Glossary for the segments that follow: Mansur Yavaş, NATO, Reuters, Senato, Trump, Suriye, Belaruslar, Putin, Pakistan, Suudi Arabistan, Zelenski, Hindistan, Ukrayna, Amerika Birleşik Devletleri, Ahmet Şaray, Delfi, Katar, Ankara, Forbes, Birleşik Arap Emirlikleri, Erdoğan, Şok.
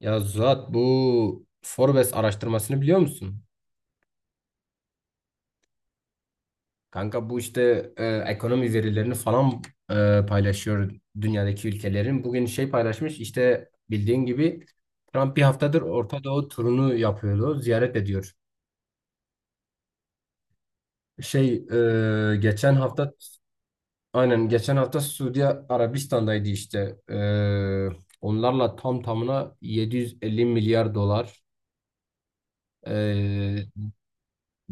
Ya Zuhat, bu Forbes araştırmasını biliyor musun? Kanka bu işte ekonomi verilerini falan paylaşıyor dünyadaki ülkelerin. Bugün şey paylaşmış işte, bildiğin gibi Trump bir haftadır Orta Doğu turunu yapıyordu, ziyaret ediyor. Şey, geçen hafta aynen geçen hafta Suudi Arabistan'daydı işte. Onlarla tam tamına 750 milyar dolar, e,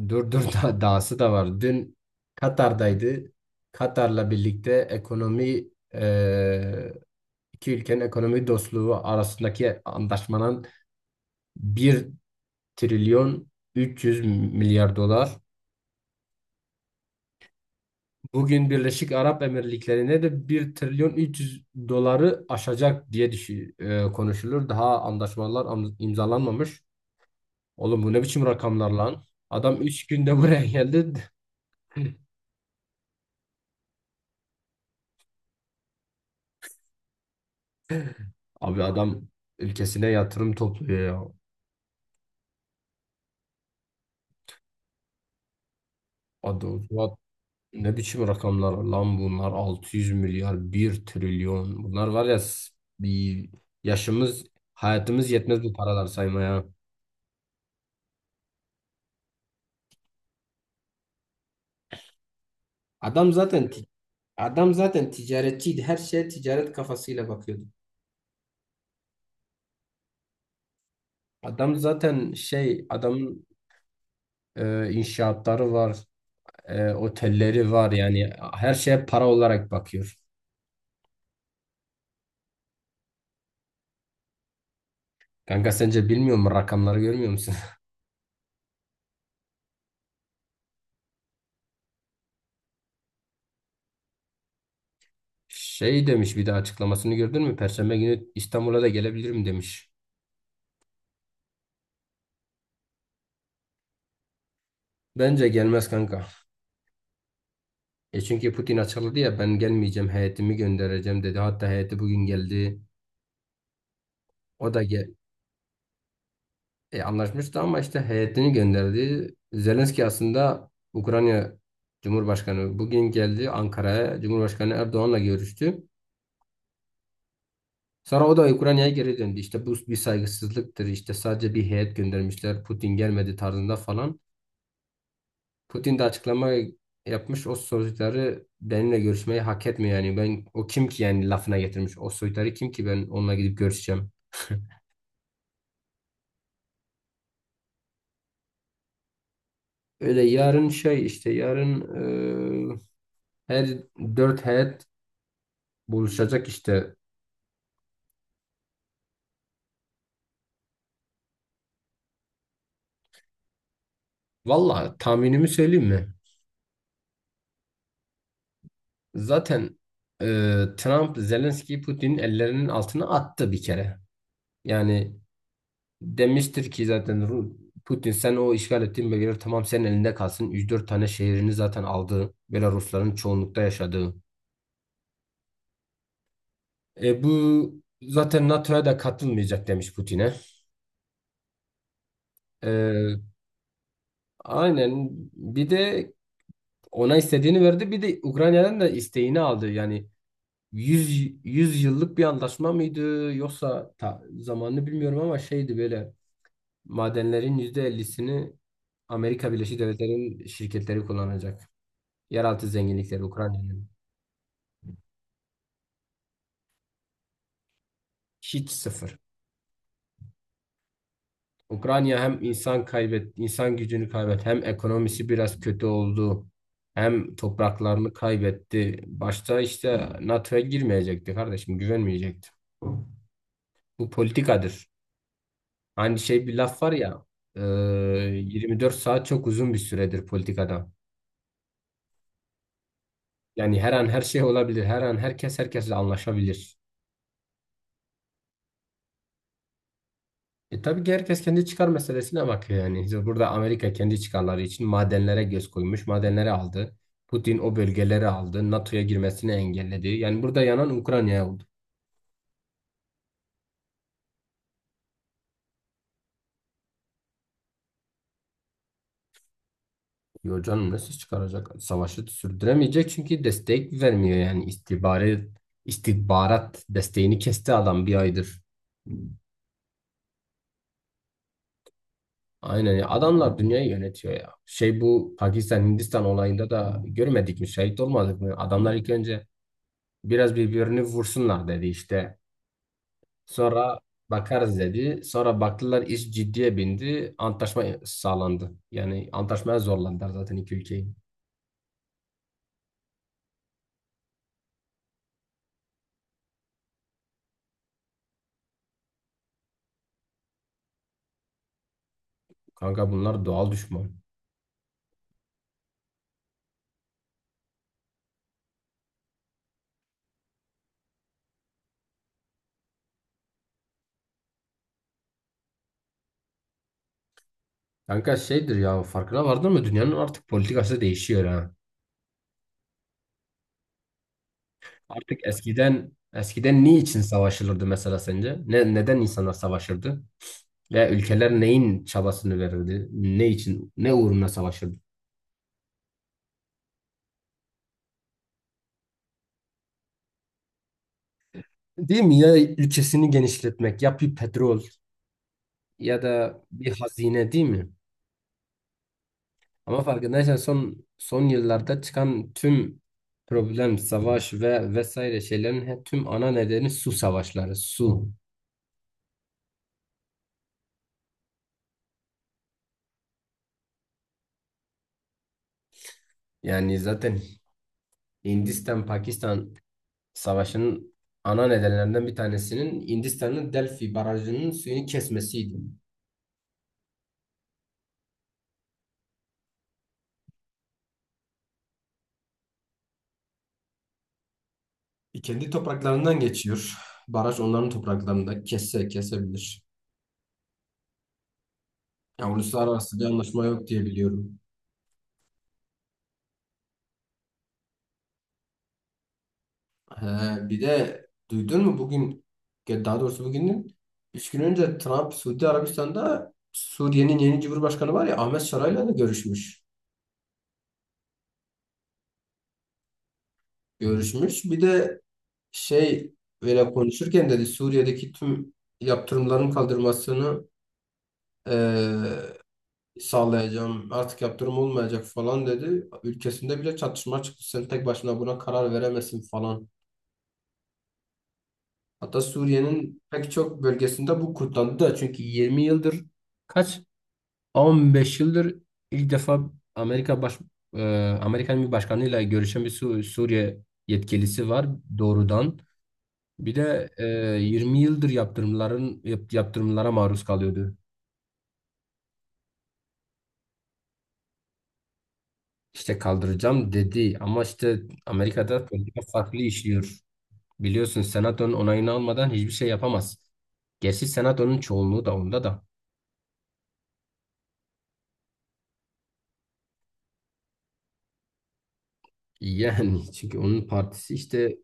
durdur da dağısı da var. Dün Katar'daydı. Katar'la birlikte ekonomi, e, iki ülkenin ekonomi dostluğu arasındaki anlaşmanın bir trilyon 300 milyar dolar. Bugün Birleşik Arap Emirlikleri'ne de bir trilyon 300 doları aşacak diye konuşulur. Daha anlaşmalar imzalanmamış. Oğlum bu ne biçim rakamlar lan? Adam 3 günde buraya geldi. Abi adam ülkesine yatırım topluyor ya. Hadi o zaman, ne biçim rakamlar lan bunlar, 600 milyar, bir trilyon. Bunlar var ya, bir yaşımız hayatımız yetmez bu paralar saymaya. Adam zaten ti- adam zaten ticaretçiydi, her şeye ticaret kafasıyla bakıyordu. Adam zaten şey, adamın inşaatları var, otelleri var yani. Her şeye para olarak bakıyor. Kanka, sence bilmiyor mu? Rakamları görmüyor musun? Şey demiş, bir de açıklamasını gördün mü? Perşembe günü İstanbul'a da gelebilirim demiş. Bence gelmez kanka. E çünkü Putin açıkladı ya, ben gelmeyeceğim, heyetimi göndereceğim dedi. Hatta heyeti bugün geldi. O da anlaşmıştı ama işte heyetini gönderdi. Zelenski, aslında Ukrayna Cumhurbaşkanı, bugün geldi Ankara'ya. Cumhurbaşkanı Erdoğan'la görüştü. Sonra o da Ukrayna'ya geri döndü. İşte bu bir saygısızlıktır. İşte sadece bir heyet göndermişler, Putin gelmedi tarzında falan. Putin de açıklama yapmış. O soytarı benimle görüşmeyi hak etmiyor yani. Ben o kim ki yani lafına getirmiş. O soytarı kim ki ben onunla gidip görüşeceğim. Öyle, yarın şey işte, yarın eee, her dört heyet buluşacak işte. Valla tahminimi söyleyeyim mi? Zaten Trump Zelenski'yi Putin'in ellerinin altına attı bir kere. Yani demiştir ki zaten, Putin, sen o işgal ettiğin bölgeler tamam senin elinde kalsın. Üç dört tane şehrini zaten aldı, Belarusların çoğunlukta yaşadığı. Bu zaten NATO'ya da katılmayacak demiş Putin'e. E, aynen, bir de ona istediğini verdi, bir de Ukrayna'dan da isteğini aldı. Yani 100 100 yıllık bir anlaşma mıydı yoksa, zamanını bilmiyorum ama şeydi böyle, madenlerin %50'sini Amerika Birleşik Devletleri'nin şirketleri kullanacak. Yeraltı zenginlikleri Ukrayna'nın hiç, sıfır. Ukrayna hem insan gücünü kaybetti, hem ekonomisi biraz kötü oldu, hem topraklarını kaybetti. Başta işte NATO'ya girmeyecekti kardeşim, güvenmeyecekti. Bu politikadır. Hani şey bir laf var ya, e, 24 saat çok uzun bir süredir politikada. Yani her an her şey olabilir, her an herkes herkesle anlaşabilir. E tabii ki herkes kendi çıkar meselesine bakıyor yani. İşte burada Amerika kendi çıkarları için madenlere göz koymuş, madenleri aldı. Putin o bölgeleri aldı, NATO'ya girmesini engelledi. Yani burada yanan Ukrayna'ya oldu. Yo canım, nasıl çıkaracak? Savaşı sürdüremeyecek çünkü destek vermiyor yani, istihbarat desteğini kesti adam bir aydır. Aynen ya. Adamlar dünyayı yönetiyor ya. Şey, bu Pakistan Hindistan olayında da görmedik mi? Şahit olmadık mı? Adamlar ilk önce biraz birbirini vursunlar dedi işte. Sonra bakarız dedi. Sonra baktılar, iş ciddiye bindi. Antlaşma sağlandı. Yani antlaşmaya zorlandılar zaten iki ülkeyi. Kanka, bunlar doğal düşman. Kanka şeydir ya, farkına vardın mı? Dünyanın artık politikası değişiyor ha. Artık eskiden, eskiden niçin savaşılırdı mesela sence? Neden insanlar savaşırdı? Ve ülkeler neyin çabasını verirdi? Ne için, ne uğruna savaşırdı? Değil mi? Ya ülkesini genişletmek, ya bir petrol ya da bir hazine, değil mi? Ama farkındaysan son son yıllarda çıkan tüm problem, savaş ve vesaire şeylerin tüm ana nedeni su savaşları, su. Yani zaten Hindistan-Pakistan savaşının ana nedenlerinden bir tanesinin Hindistan'ın Delfi barajının suyunu kesmesiydi. Kendi topraklarından geçiyor. Baraj onların topraklarında, kesse kesebilir. Ya uluslararası bir anlaşma yok diye biliyorum. He, bir de duydun mu bugün, ya daha doğrusu bugünün 3 gün önce Trump Suudi Arabistan'da Suriye'nin yeni Cumhurbaşkanı var ya, Ahmet Şaray'la da görüşmüş. Görüşmüş. Bir de şey, böyle konuşurken dedi Suriye'deki tüm yaptırımların kaldırmasını eee, sağlayacağım. Artık yaptırım olmayacak falan dedi. Ülkesinde bile çatışma çıktı, sen tek başına buna karar veremezsin falan. Hatta Suriye'nin pek çok bölgesinde bu kutlandı da çünkü 20 yıldır, kaç, 15 yıldır ilk defa Amerika e, Amerikan bir başkanıyla görüşen bir Suriye yetkilisi var doğrudan. Bir de 20 yıldır yaptırımların yaptırımlara maruz kalıyordu. İşte kaldıracağım dedi ama işte Amerika'da politika farklı işliyor. Biliyorsun Senato'nun onayını almadan hiçbir şey yapamaz. Gerçi Senato'nun çoğunluğu da onda da. Yani çünkü onun partisi işte,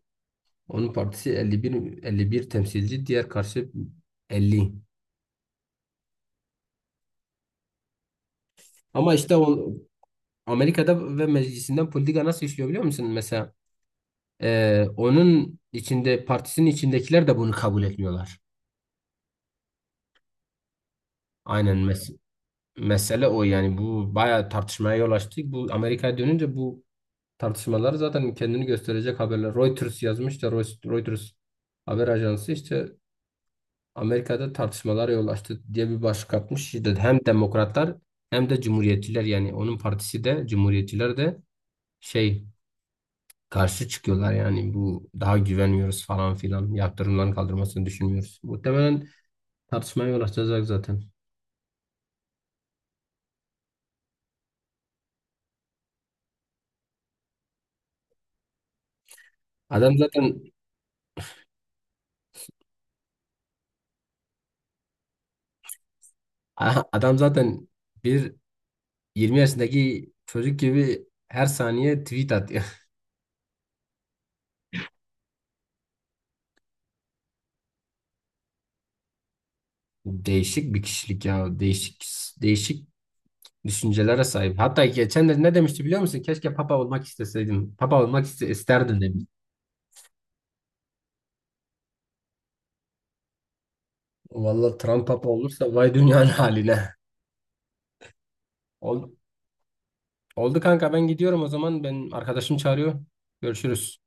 onun partisi 51, 51 temsilci, diğer karşı 50. Ama işte o, Amerika'da ve meclisinden politika nasıl işliyor biliyor musun? Mesela onun içinde, partisinin içindekiler de bunu kabul etmiyorlar. Aynen, mesele o yani. Bu bayağı tartışmaya yol açtı. Bu Amerika'ya dönünce, bu tartışmalar zaten kendini gösterecek haberler. Reuters yazmış da, Reuters haber ajansı işte Amerika'da tartışmalara yol açtı diye bir başlık atmış. İşte hem demokratlar hem de cumhuriyetçiler, yani onun partisi de, cumhuriyetçiler de şey, karşı çıkıyorlar yani. Bu daha güvenmiyoruz falan filan, yaptırımların kaldırmasını düşünmüyoruz. Muhtemelen tartışmaya yol açacak zaten. Adam zaten aha, adam zaten bir 20 yaşındaki çocuk gibi her saniye tweet atıyor. Değişik bir kişilik ya. Değişik değişik düşüncelere sahip. Hatta geçen de ne demişti biliyor musun? Keşke papa olmak isteseydim. Papa olmak isterdim demiş. Vallahi Trump papa olursa vay dünyanın haline. Ol, Oldu kanka, ben gidiyorum o zaman. Ben arkadaşım çağırıyor. Görüşürüz.